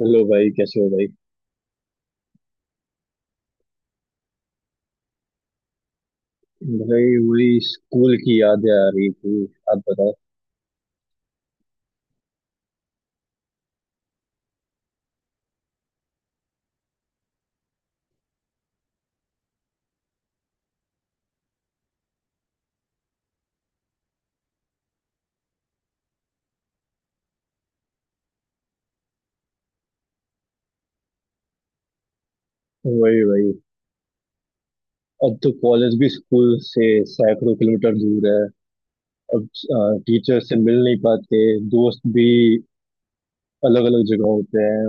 Hello भाई, कैसे हो भाई। भाई वही स्कूल की यादें आ रही थी। आप बताओ। वही वही। अब तो कॉलेज भी स्कूल से सैकड़ों किलोमीटर दूर है। अब टीचर से मिल नहीं पाते। दोस्त भी अलग अलग जगह होते हैं।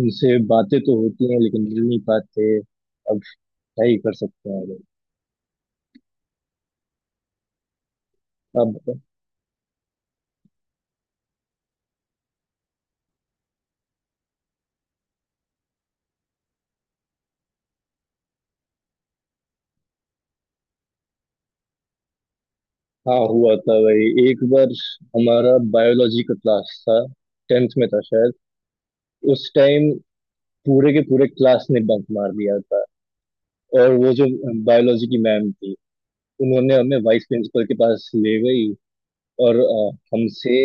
उनसे बातें तो होती हैं लेकिन मिल नहीं पाते। अब क्या ही कर सकते हैं भाई। अब हाँ हुआ था भाई, एक बार हमारा बायोलॉजी का क्लास था। टेंथ में था शायद उस टाइम। पूरे के पूरे क्लास ने बंक मार दिया था, और वो जो बायोलॉजी की मैम थी, उन्होंने हमें वाइस प्रिंसिपल के पास ले गई और हमसे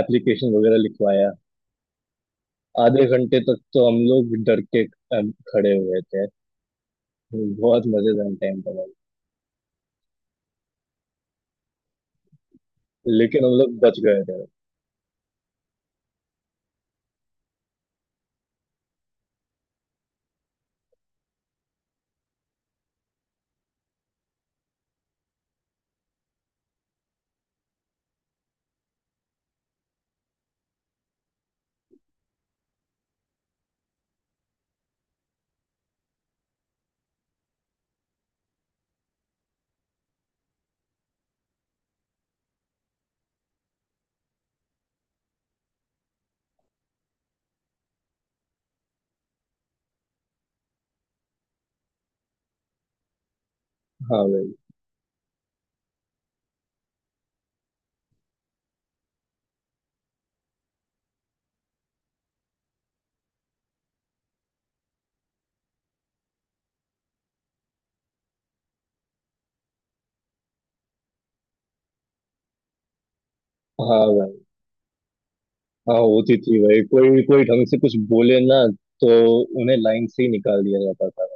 एप्लीकेशन वगैरह लिखवाया। आधे घंटे तक तो हम लोग डर के खड़े हुए थे। बहुत मजेदार टाइम था भाई। लेकिन हम लोग बच गए थे। हाँ भाई। हाँ भाई। हाँ होती थी भाई। कोई कोई ढंग से कुछ बोले ना तो उन्हें लाइन से ही निकाल दिया जाता था।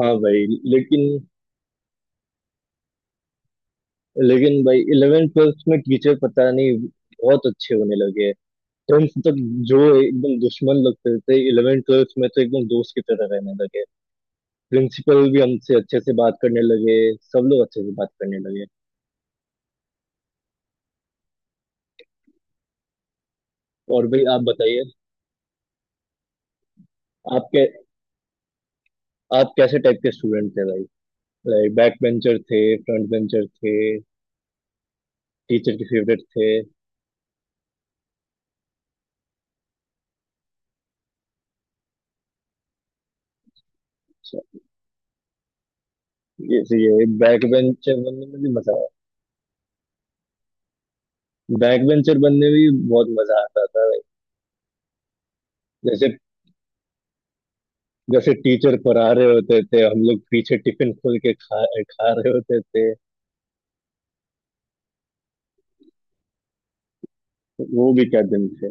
हाँ भाई। लेकिन लेकिन भाई, इलेवेंथ ट्वेल्थ में टीचर पता नहीं बहुत अच्छे होने लगे। टेंथ तक जो एकदम दुश्मन लगते थे, इलेवेंथ ट्वेल्थ में तो एकदम दोस्त की तरह रहने लगे। प्रिंसिपल भी हमसे अच्छे से बात करने लगे। सब लोग अच्छे से बात करने लगे। और भाई आप बताइए। आप कै आप कैसे टाइप के स्टूडेंट थे भाई? लाइक बैक बेंचर थे, फ्रंट बेंचर थे, टीचर के फेवरेट थे? अच्छा, ये बैक बेंचर बनने में भी मजा आया। बैक बेंचर बनने में भी बहुत मजा आता था भाई। जैसे जैसे टीचर पढ़ा रहे होते थे, हम लोग पीछे टिफिन खोल के खा खा रहे होते थे। वो भी क्या दिन थे।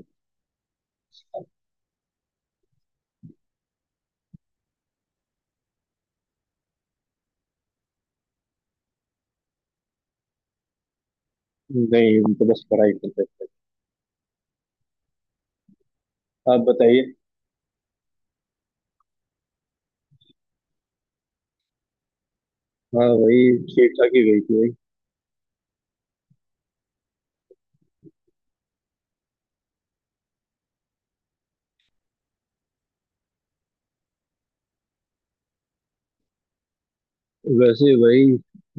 नहीं, हम तो बस पढ़ाई करते थे। आप बताइए। हाँ वही, ठीक ठाक ही गई थी वही। वैसे वही,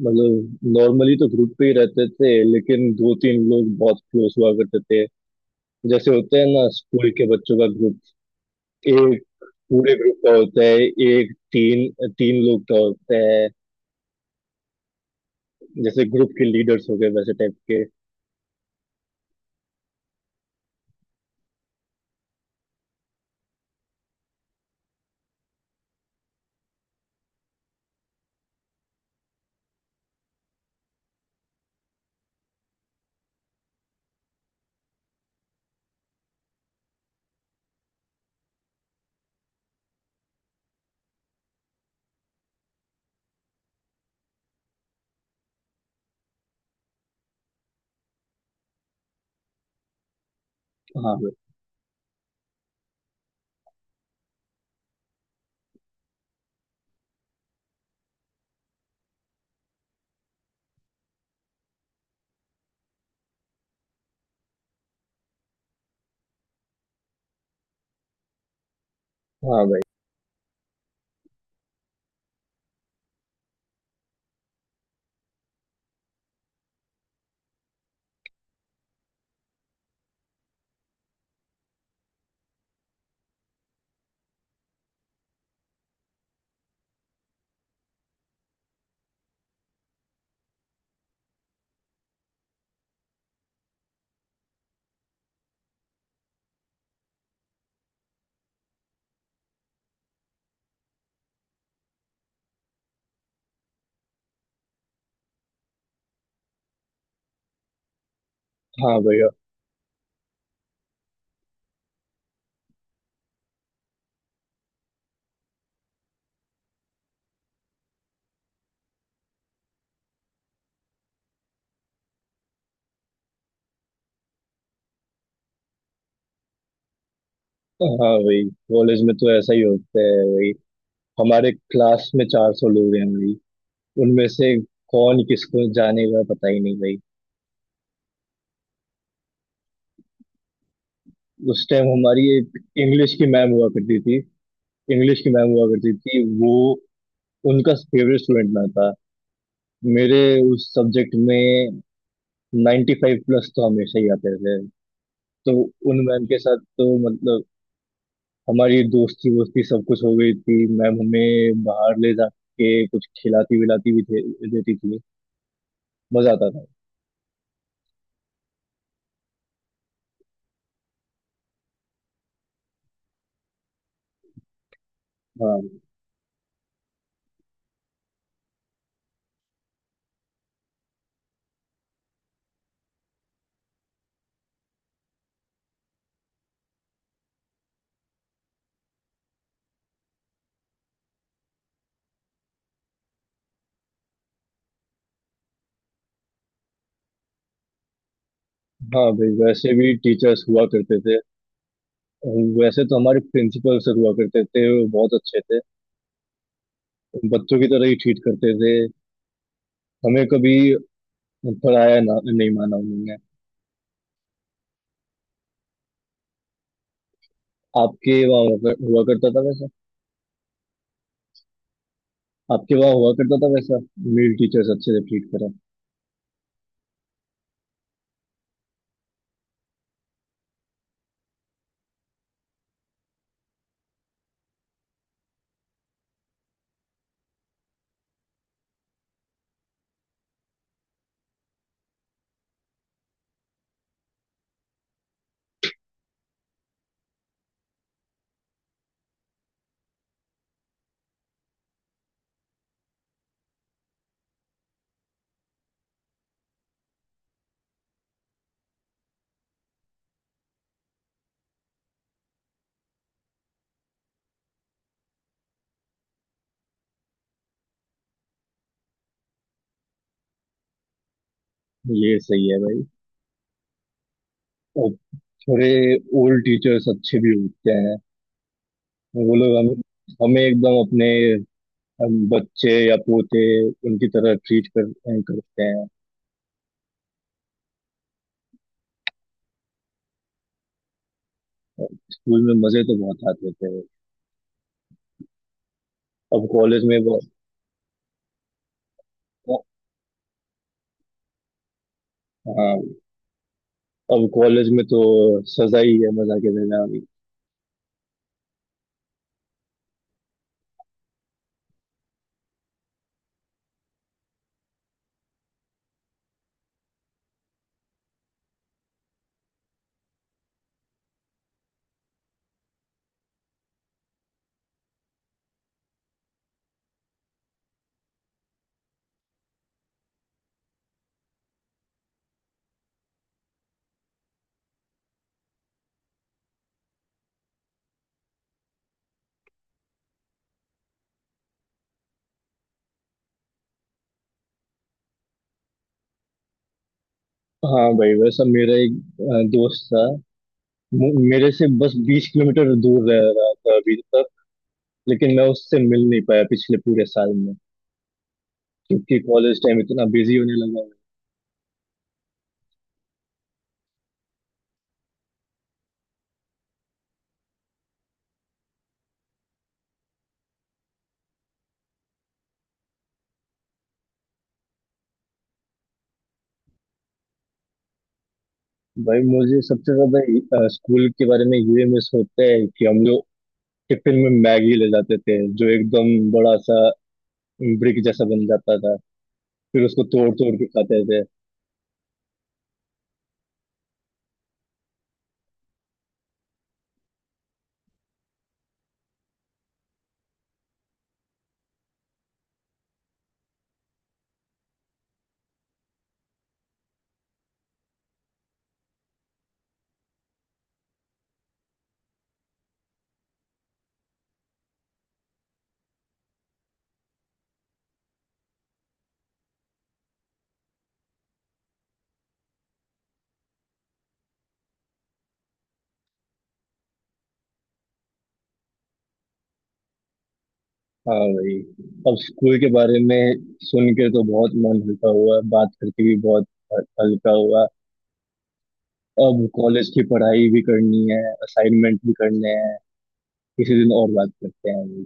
मतलब नॉर्मली तो ग्रुप पे ही रहते थे लेकिन दो तीन लोग बहुत क्लोज हुआ करते थे। जैसे होते हैं ना स्कूल के बच्चों का ग्रुप। एक पूरे ग्रुप का होता है, एक तीन तीन लोग का होता है, जैसे ग्रुप के लीडर्स हो गए वैसे टाइप के। हाँ भाई। हाँ भाई। हाँ भैया। हाँ भाई, कॉलेज में तो ऐसा ही होता है भाई। हमारे क्लास में 400 लोग हैं भाई। उनमें से कौन किसको जानेगा पता ही नहीं भाई। उस टाइम हमारी एक इंग्लिश की मैम हुआ करती थी। इंग्लिश की मैम हुआ करती थी वो। उनका फेवरेट स्टूडेंट मैं था। मेरे उस सब्जेक्ट में 95 प्लस तो हमेशा ही आते थे। तो उन मैम के साथ तो मतलब हमारी दोस्ती वोस्ती सब कुछ हो गई थी। मैम हमें बाहर ले जाके कुछ खिलाती विलाती भी देती थी। मजा आता था। हाँ। हाँ भाई, वैसे भी टीचर्स हुआ करते थे। वैसे तो हमारे प्रिंसिपल सर हुआ करते थे, वो बहुत अच्छे थे। बच्चों की तरह ही ट्रीट करते थे। हमें कभी पराया ना नहीं माना उन्होंने। आपके वहाँ हुआ करता था वैसा? आपके वहाँ हुआ करता था वैसा? मेल टीचर्स अच्छे से ट्रीट करा? ये सही है भाई। और थोड़े ओल्ड टीचर्स अच्छे भी होते हैं। वो लोग हमें हमें एकदम अपने, हम बच्चे या पोते उनकी तरह ट्रीट कर करते हैं। स्कूल में मजे तो बहुत आते थे। अब कॉलेज में वो। हाँ। अब कॉलेज में तो सजा ही है, मजा के देना अभी। हाँ भाई, वैसा मेरा एक दोस्त था। मेरे से बस 20 किलोमीटर दूर रह रहा था अभी तक। लेकिन मैं उससे मिल नहीं पाया पिछले पूरे साल में, क्योंकि कॉलेज टाइम इतना बिजी होने लगा है। भाई मुझे सबसे ज्यादा स्कूल के बारे में ये मिस होता है कि हम लोग टिफिन में मैगी ले जाते थे, जो एकदम बड़ा सा ब्रिक जैसा बन जाता था। फिर उसको तोड़ तोड़ के खाते थे। हाँ भाई। अब स्कूल के बारे में सुन के तो बहुत मन हल्का हुआ, बात करके भी बहुत हल्का हुआ। अब कॉलेज की पढ़ाई भी करनी है, असाइनमेंट भी करने हैं। किसी दिन और बात करते हैं।